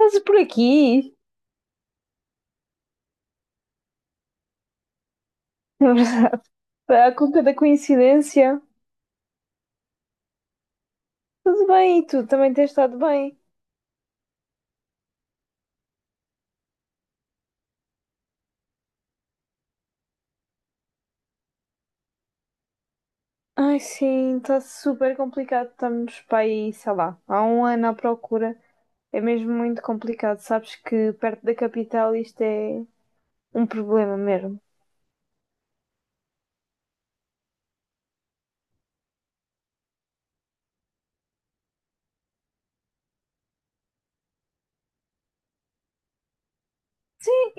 Estás por aqui? A conta da coincidência. Tudo bem, e tu também tens estado bem? Ai, sim, está super complicado. Estamos para aí, sei lá, há um ano à procura. É mesmo muito complicado. Sabes que perto da capital isto é um problema mesmo.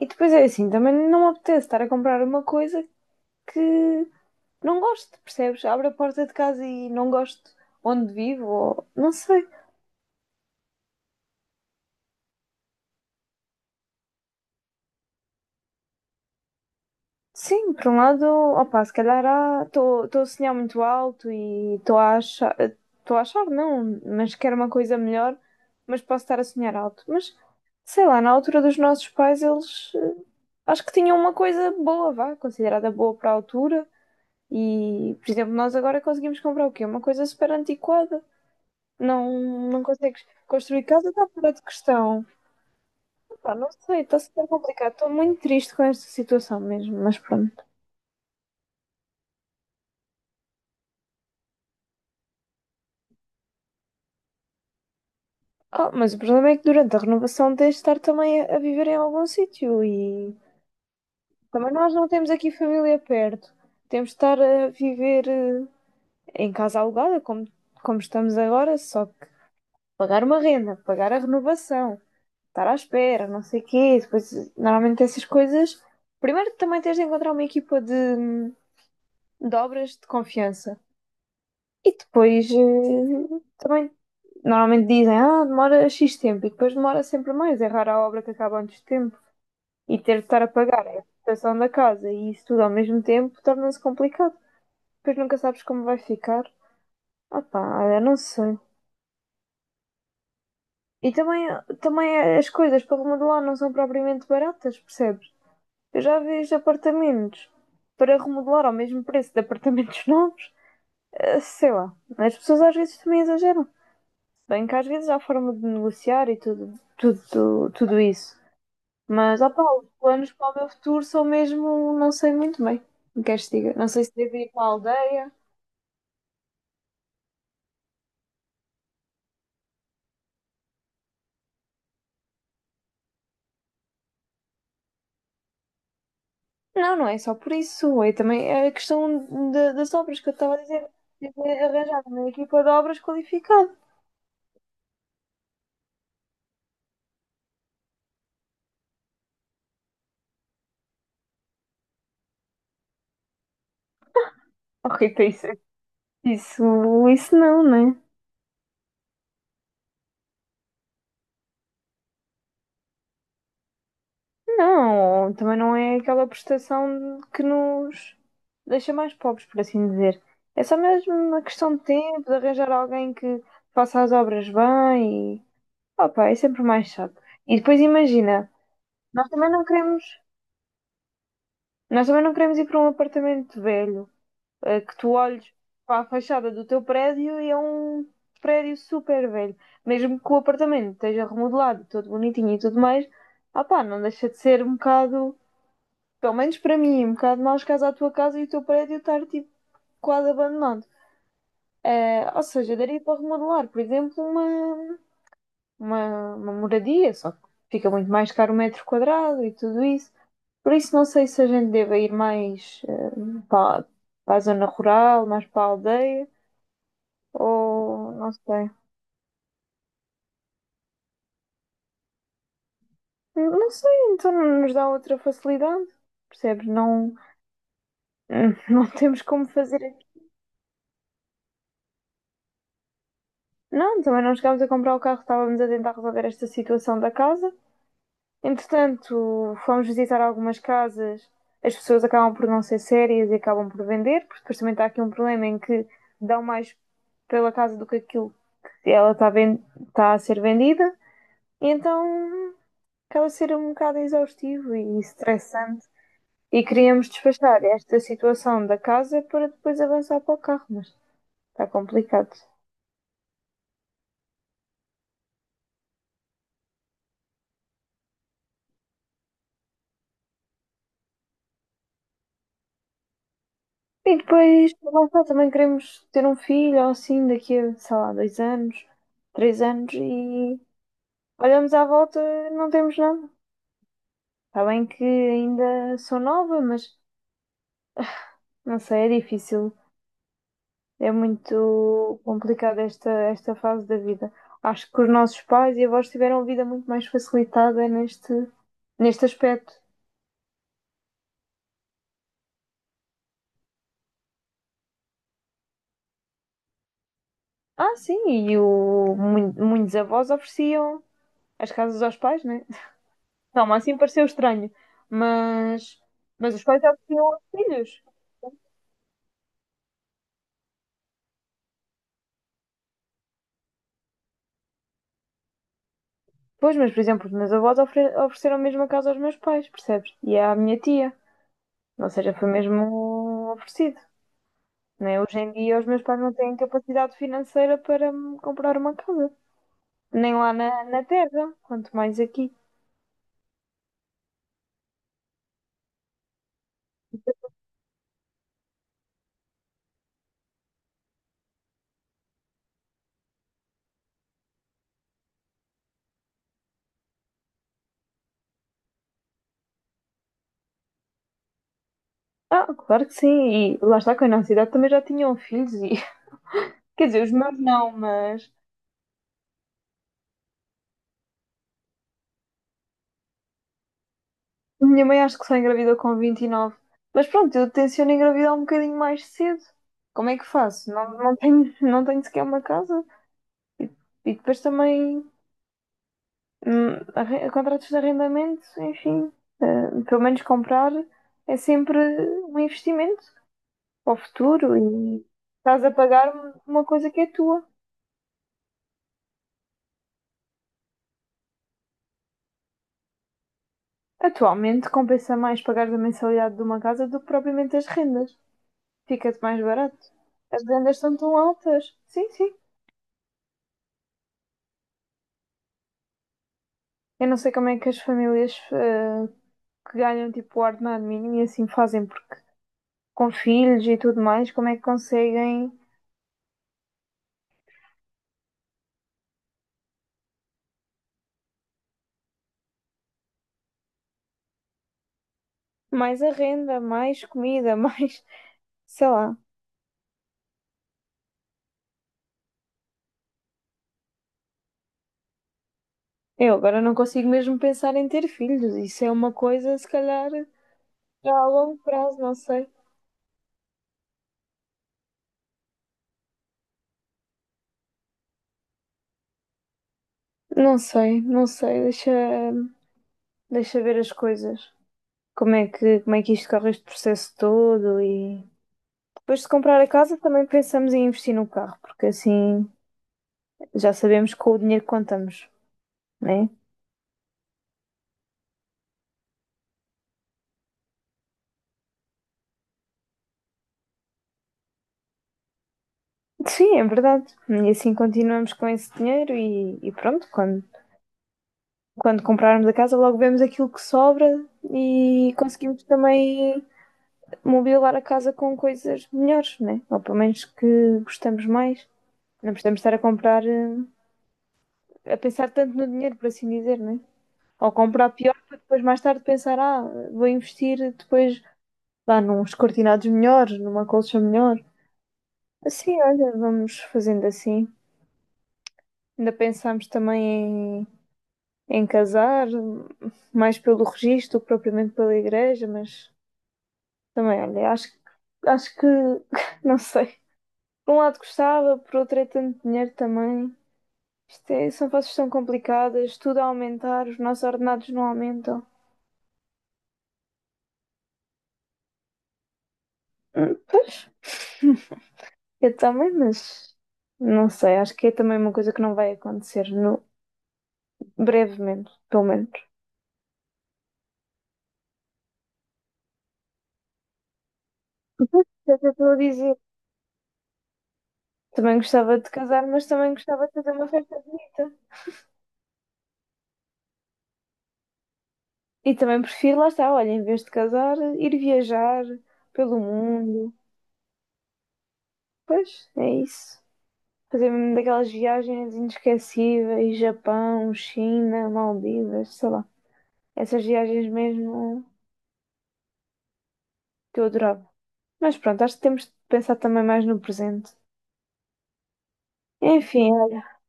E depois é assim, também não me apetece estar a comprar uma coisa que não gosto, percebes? Abro a porta de casa e não gosto onde vivo, ou não sei. Sim, por um lado, opa, se calhar estou a sonhar muito alto e estou a achar não, mas quero uma coisa melhor, mas posso estar a sonhar alto. Mas sei lá, na altura dos nossos pais, eles acho que tinham uma coisa boa, vá, considerada boa para a altura. E, por exemplo, nós agora conseguimos comprar o quê? Uma coisa super antiquada. Não, não consegues construir casa, está fora de questão. Opa, não sei, está super complicado. Estou muito triste com esta situação mesmo, mas pronto. Ah, mas o problema é que durante a renovação tens de estar também a viver em algum sítio e também nós não temos aqui família perto. Temos de estar a viver em casa alugada, como estamos agora, só que pagar uma renda, pagar a renovação, estar à espera, não sei o quê. Depois, normalmente essas coisas. Primeiro também tens de encontrar uma equipa de obras de confiança. E depois também normalmente dizem, ah, demora X tempo e depois demora sempre mais, é rara a obra que acaba antes de tempo. E ter de estar a pagar a reputação da casa e isso tudo ao mesmo tempo torna-se complicado. Depois nunca sabes como vai ficar. Ah pá, olha, não sei. E também as coisas para remodelar não são propriamente baratas, percebes? Eu já vejo apartamentos para remodelar ao mesmo preço de apartamentos novos. Sei lá, as pessoas às vezes também exageram. Bem que às vezes há forma de negociar e tudo, tudo, tudo isso. Mas, opá, os planos para o meu futuro são mesmo, não sei muito bem. Não queres que diga? Não sei se devo ir para a aldeia. Não, não é só por isso. É também a questão das obras que eu estava a dizer. Devo arranjar uma equipa de obras qualificada. Ok, para isso, isso, isso não, né? Não, também não é aquela prestação que nos deixa mais pobres, por assim dizer. É só mesmo uma questão de tempo, de arranjar alguém que faça as obras bem e. Opa, é sempre mais chato. E depois imagina, nós também não queremos, nós também não queremos ir para um apartamento velho, que tu olhes para a fachada do teu prédio e é um prédio super velho. Mesmo que o apartamento esteja remodelado, todo bonitinho e tudo mais, opa, não deixa de ser um bocado pelo menos para mim, um bocado mais caso à tua casa e o teu prédio estar tipo quase abandonado. Ou seja, daria para remodelar, por exemplo, uma moradia, só que fica muito mais caro o metro quadrado e tudo isso. Por isso não sei se a gente deve ir mais para, para a zona rural, mais para a aldeia, ou não sei. Não sei, então não nos dá outra facilidade, percebes? Não, não temos como fazer. Não, também não chegámos a comprar o carro, estávamos a tentar resolver esta situação da casa. Entretanto, fomos visitar algumas casas, as pessoas acabam por não ser sérias e acabam por vender, porque depois também está aqui um problema em que dão mais pela casa do que aquilo que ela está, está a ser vendida, e então acaba a ser um bocado exaustivo e estressante. E queríamos despachar esta situação da casa para depois avançar para o carro, mas está complicado. E depois, lá está, também queremos ter um filho ou assim daqui a, sei lá, 2 anos, 3 anos e olhamos à volta e não temos nada. Está bem que ainda sou nova, mas não sei, é difícil. É muito complicada esta fase da vida. Acho que os nossos pais e avós tiveram a vida muito mais facilitada neste aspecto. Ah, sim, e muitos avós ofereciam as casas aos pais, né? Toma, assim pareceu estranho, mas, mas os pais já ofereciam aos filhos. Pois, mas por exemplo, os meus avós ofereceram mesmo a casa aos meus pais, percebes? E é à minha tia. Ou seja, foi mesmo oferecido. Né? Hoje em dia os meus pais não têm capacidade financeira para me comprar uma casa. Nem lá na terra, quanto mais aqui. Ah, claro que sim. E lá está, com a nossa idade também já tinham filhos. E... Quer dizer, os meus não, mas minha mãe acho que só engravidou com 29, mas pronto, eu tenciono engravidar um bocadinho mais cedo. Como é que faço? Não, não tenho, não tenho sequer uma casa. E, e depois também contratos de arrendamento, enfim. Pelo menos comprar é sempre um investimento para o futuro e estás a pagar uma coisa que é tua. Atualmente compensa mais pagar a mensalidade de uma casa do que propriamente as rendas. Fica-te mais barato. As rendas estão tão altas. Sim, sim. Eu não sei como é que as famílias que ganham tipo o ordenado mínimo e assim fazem, porque com filhos e tudo mais, como é que conseguem mais a renda, mais comida, mais. Sei lá. Eu agora não consigo mesmo pensar em ter filhos. Isso é uma coisa, se calhar, já a longo prazo, não sei. Não sei, não sei. Deixa, deixa ver as coisas. Como é que isto corre este processo todo e. Depois de comprar a casa, também pensamos em investir no carro, porque assim já sabemos com o dinheiro que contamos. Né? Sim, é verdade. E assim continuamos com esse dinheiro e pronto, quando comprarmos a casa, logo vemos aquilo que sobra e conseguimos também mobilar a casa com coisas melhores, né? Ou pelo menos que gostamos mais. Não precisamos estar a comprar, a pensar tanto no dinheiro, por assim dizer, né? Ou comprar pior para depois mais tarde pensar, ah, vou investir depois lá nos cortinados melhores, numa colcha melhor. Assim, olha, vamos fazendo assim. Ainda pensámos também em casar, mais pelo registro do que propriamente pela igreja, mas também, olha, acho que, não sei. Por um lado gostava, por outro é tanto dinheiro também. Isto é- são fases tão complicadas, tudo a aumentar, os nossos ordenados não aumentam. Pois, eu também, mas não sei, acho que é também uma coisa que não vai acontecer no, brevemente, pelo menos. Pois, é o que eu estou a dizer. Também gostava de casar, mas também gostava de fazer uma festa bonita. E também prefiro, lá está, olha, em vez de casar, ir viajar pelo mundo. Pois, é isso. Fazer mesmo daquelas viagens inesquecíveis, Japão, China, Maldivas, sei lá. Essas viagens mesmo que eu adorava. Mas pronto, acho que temos de pensar também mais no presente. Enfim, olha,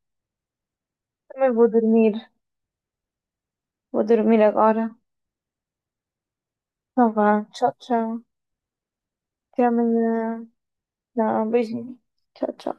também vou dormir. Vou dormir agora. Então vá, tchau, tchau. Até amanhã. Não, beijinho. Tchau, tchau.